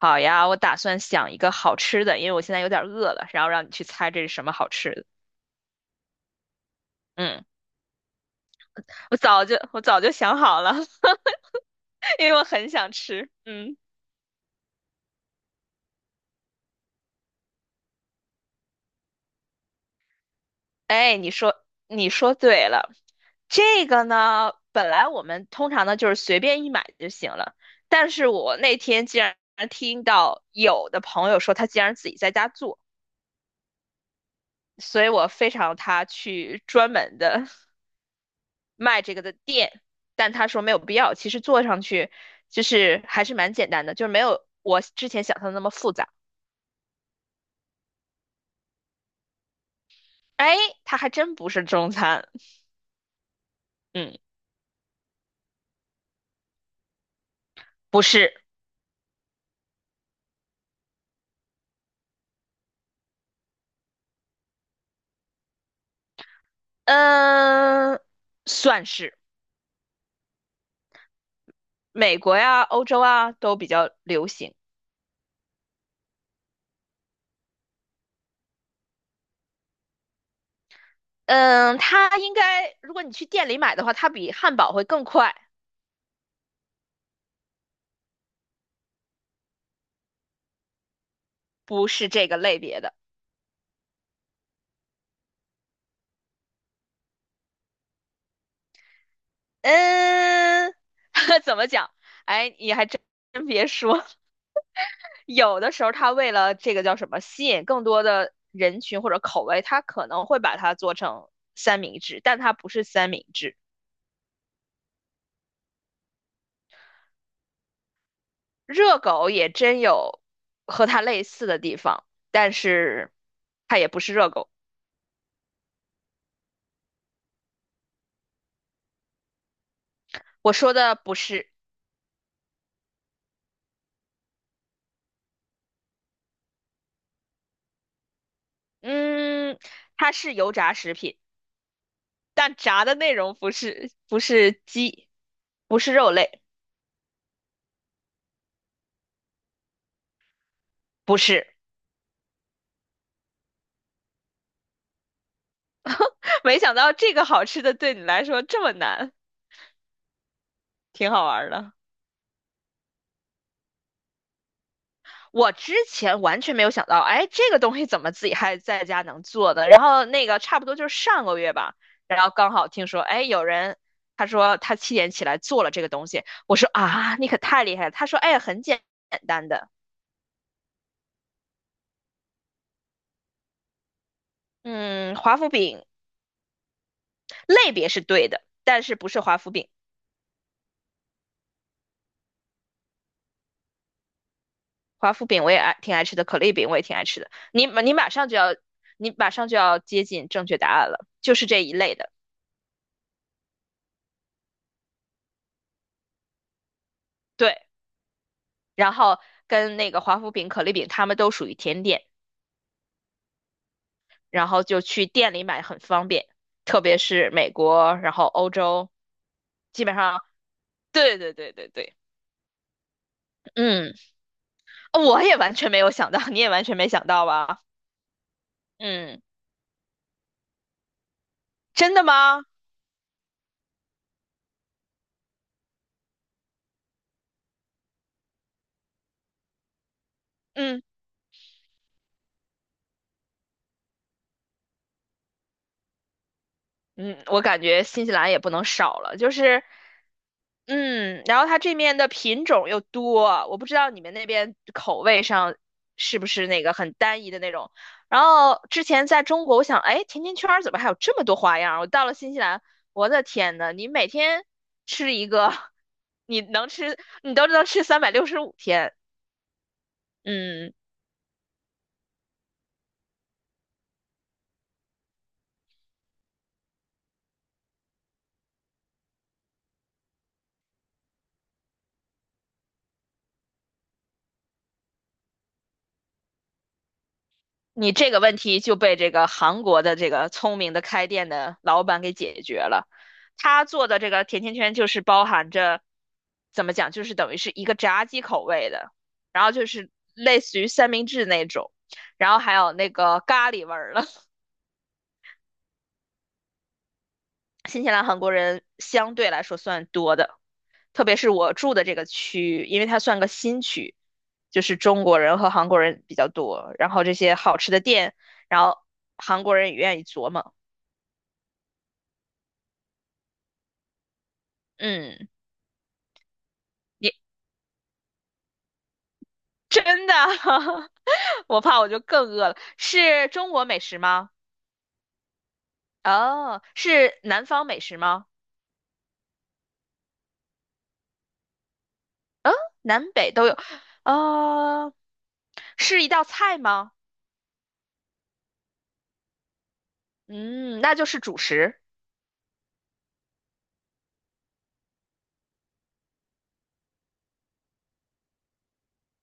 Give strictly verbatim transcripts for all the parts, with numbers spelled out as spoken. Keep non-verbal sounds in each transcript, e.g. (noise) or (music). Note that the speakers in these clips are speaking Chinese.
好呀，我打算想一个好吃的，因为我现在有点饿了，然后让你去猜这是什么好吃的。嗯，我早就我早就想好了，(laughs) 因为我很想吃。嗯，哎，你说你说对了，这个呢，本来我们通常呢就是随便一买就行了，但是我那天竟然听到有的朋友说他竟然自己在家做，所以我非常他去专门的卖这个的店，但他说没有必要。其实做上去就是还是蛮简单的，就是没有我之前想象的那么复杂。哎，它还真不是中餐，嗯，不是，嗯，算是美国呀、欧洲啊都比较流行。嗯，它应该如果你去店里买的话，它比汉堡会更快，不是这个类别的。嗯，(laughs) 怎么讲？哎，你还真真别说，有的时候他为了这个叫什么，吸引更多的人群或者口味，他可能会把它做成三明治，但它不是三明治。热狗也真有和它类似的地方，但是它也不是热狗。我说的不是，嗯，它是油炸食品，但炸的内容不是不是鸡，不是肉类，不是。(laughs) 没想到这个好吃的对你来说这么难，挺好玩儿的。我之前完全没有想到，哎，这个东西怎么自己还在家能做的？然后那个差不多就是上个月吧，然后刚好听说，哎，有人他说他七点起来做了这个东西，我说啊，你可太厉害了。他说，哎，很简简单的，嗯，华夫饼类别是对的，但是不是华夫饼，华夫饼我也爱挺爱吃的，可丽饼我也挺爱吃的。你你马上就要你马上就要接近正确答案了，就是这一类的，对。然后跟那个华夫饼、可丽饼，它们都属于甜点。然后就去店里买很方便，特别是美国，然后欧洲，基本上，对对对对对，嗯，哦我也完全没有想到，你也完全没想到吧？嗯，真的吗？嗯嗯，我感觉新西兰也不能少了，就是嗯，然后它这面的品种又多，我不知道你们那边口味上是不是那个很单一的那种。然后之前在中国，我想，哎，甜甜圈儿怎么还有这么多花样儿？我到了新西兰，我的天呐，你每天吃一个，(laughs) 你能吃，你都能吃三百六十五天。嗯，你这个问题就被这个韩国的这个聪明的开店的老板给解决了。他做的这个甜甜圈就是包含着，怎么讲，就是等于是一个炸鸡口味的，然后就是类似于三明治那种，然后还有那个咖喱味儿了。(laughs) 新西兰韩国人相对来说算多的，特别是我住的这个区域，因为它算个新区，就是中国人和韩国人比较多，然后这些好吃的店，然后韩国人也愿意琢磨，嗯。你 (laughs) 真的？(laughs) 我怕我就更饿了。是中国美食吗？哦，是南方美食吗？南北都有。呃，是一道菜吗？嗯，那就是主食。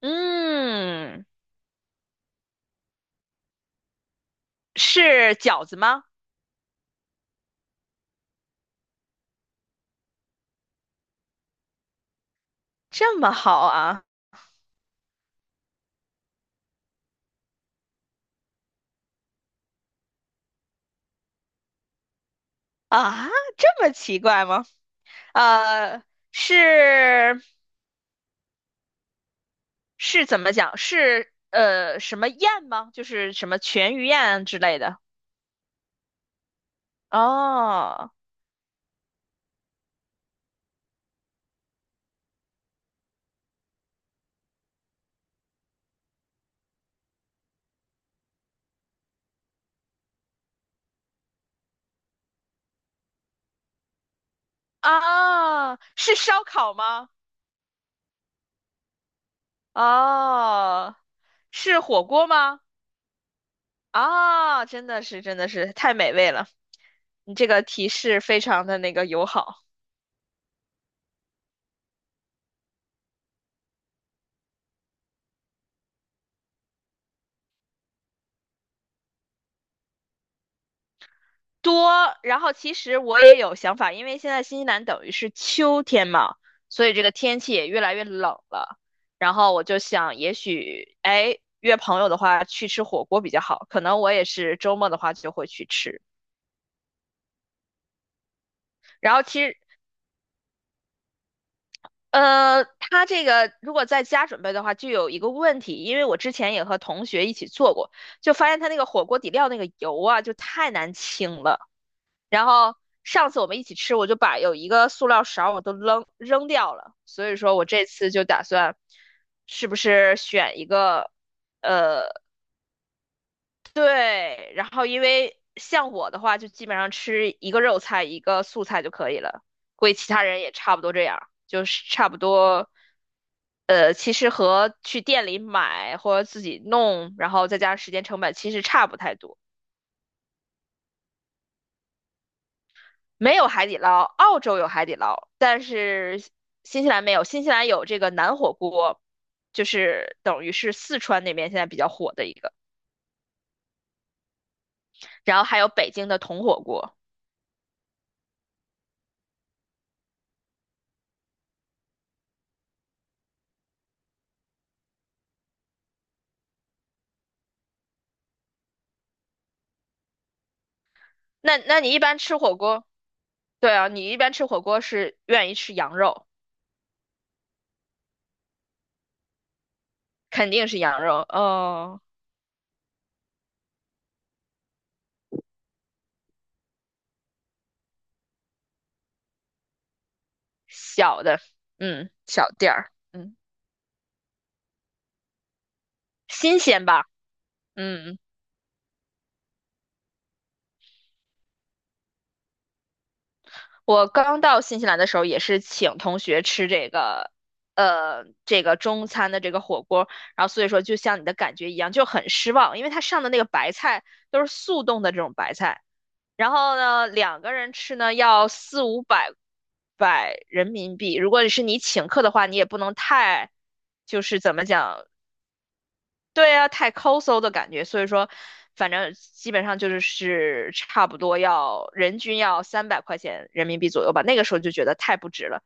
嗯，是饺子吗？这么好啊！啊，这么奇怪吗？呃，是是怎么讲？是呃什么宴吗？就是什么全鱼宴之类的。哦，啊，是烧烤吗？哦，是火锅吗？啊，真的是，真的是太美味了！你这个提示非常的那个友好多。然后其实我也有想法，因为现在新西兰等于是秋天嘛，所以这个天气也越来越冷了。然后我就想，也许哎约朋友的话去吃火锅比较好，可能我也是周末的话就会去吃。然后其实呃，它这个如果在家准备的话，就有一个问题，因为我之前也和同学一起做过，就发现它那个火锅底料那个油啊，就太难清了。然后上次我们一起吃，我就把有一个塑料勺我都扔扔掉了，所以说我这次就打算是不是选一个呃。对，然后因为像我的话，就基本上吃一个肉菜一个素菜就可以了，估计其他人也差不多这样，就是差不多。呃，其实和去店里买或者自己弄，然后再加上时间成本，其实差不太多。没有海底捞，澳洲有海底捞，但是新西兰没有。新西兰有这个南火锅，就是等于是四川那边现在比较火的一个，然后还有北京的铜火锅。那那你一般吃火锅？对啊，你一般吃火锅是愿意吃羊肉，肯定是羊肉。哦，小的，嗯，小店儿，嗯，新鲜吧，嗯。我刚到新西兰的时候也是请同学吃这个，呃，这个中餐的这个火锅，然后所以说就像你的感觉一样，就很失望，因为它上的那个白菜都是速冻的这种白菜。然后呢，两个人吃呢要四五百百人民币。如果是你请客的话，你也不能太，就是怎么讲，对啊，太抠搜的感觉。所以说，反正基本上就是是差不多要人均要三百块钱人民币左右吧。那个时候就觉得太不值了。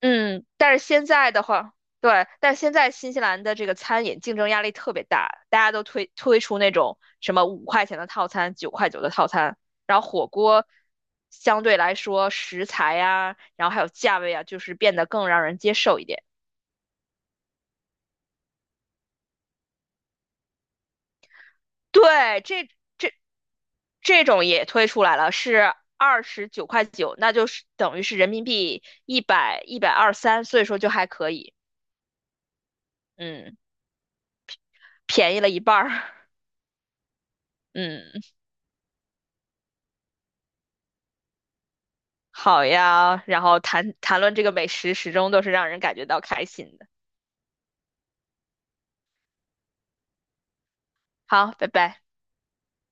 嗯，但是现在的话，对，但是现在新西兰的这个餐饮竞争压力特别大，大家都推推出那种什么五块钱的套餐、九块九的套餐，然后火锅相对来说食材呀、然后还有价位啊，就是变得更让人接受一点。对，这这这种也推出来了，是二十九块九，那就是等于是人民币一百一百二三，一百二十三所以说就还可以，嗯，便宜了一半儿，(laughs) 嗯。好呀，然后谈谈论这个美食，始终都是让人感觉到开心的。好，拜拜。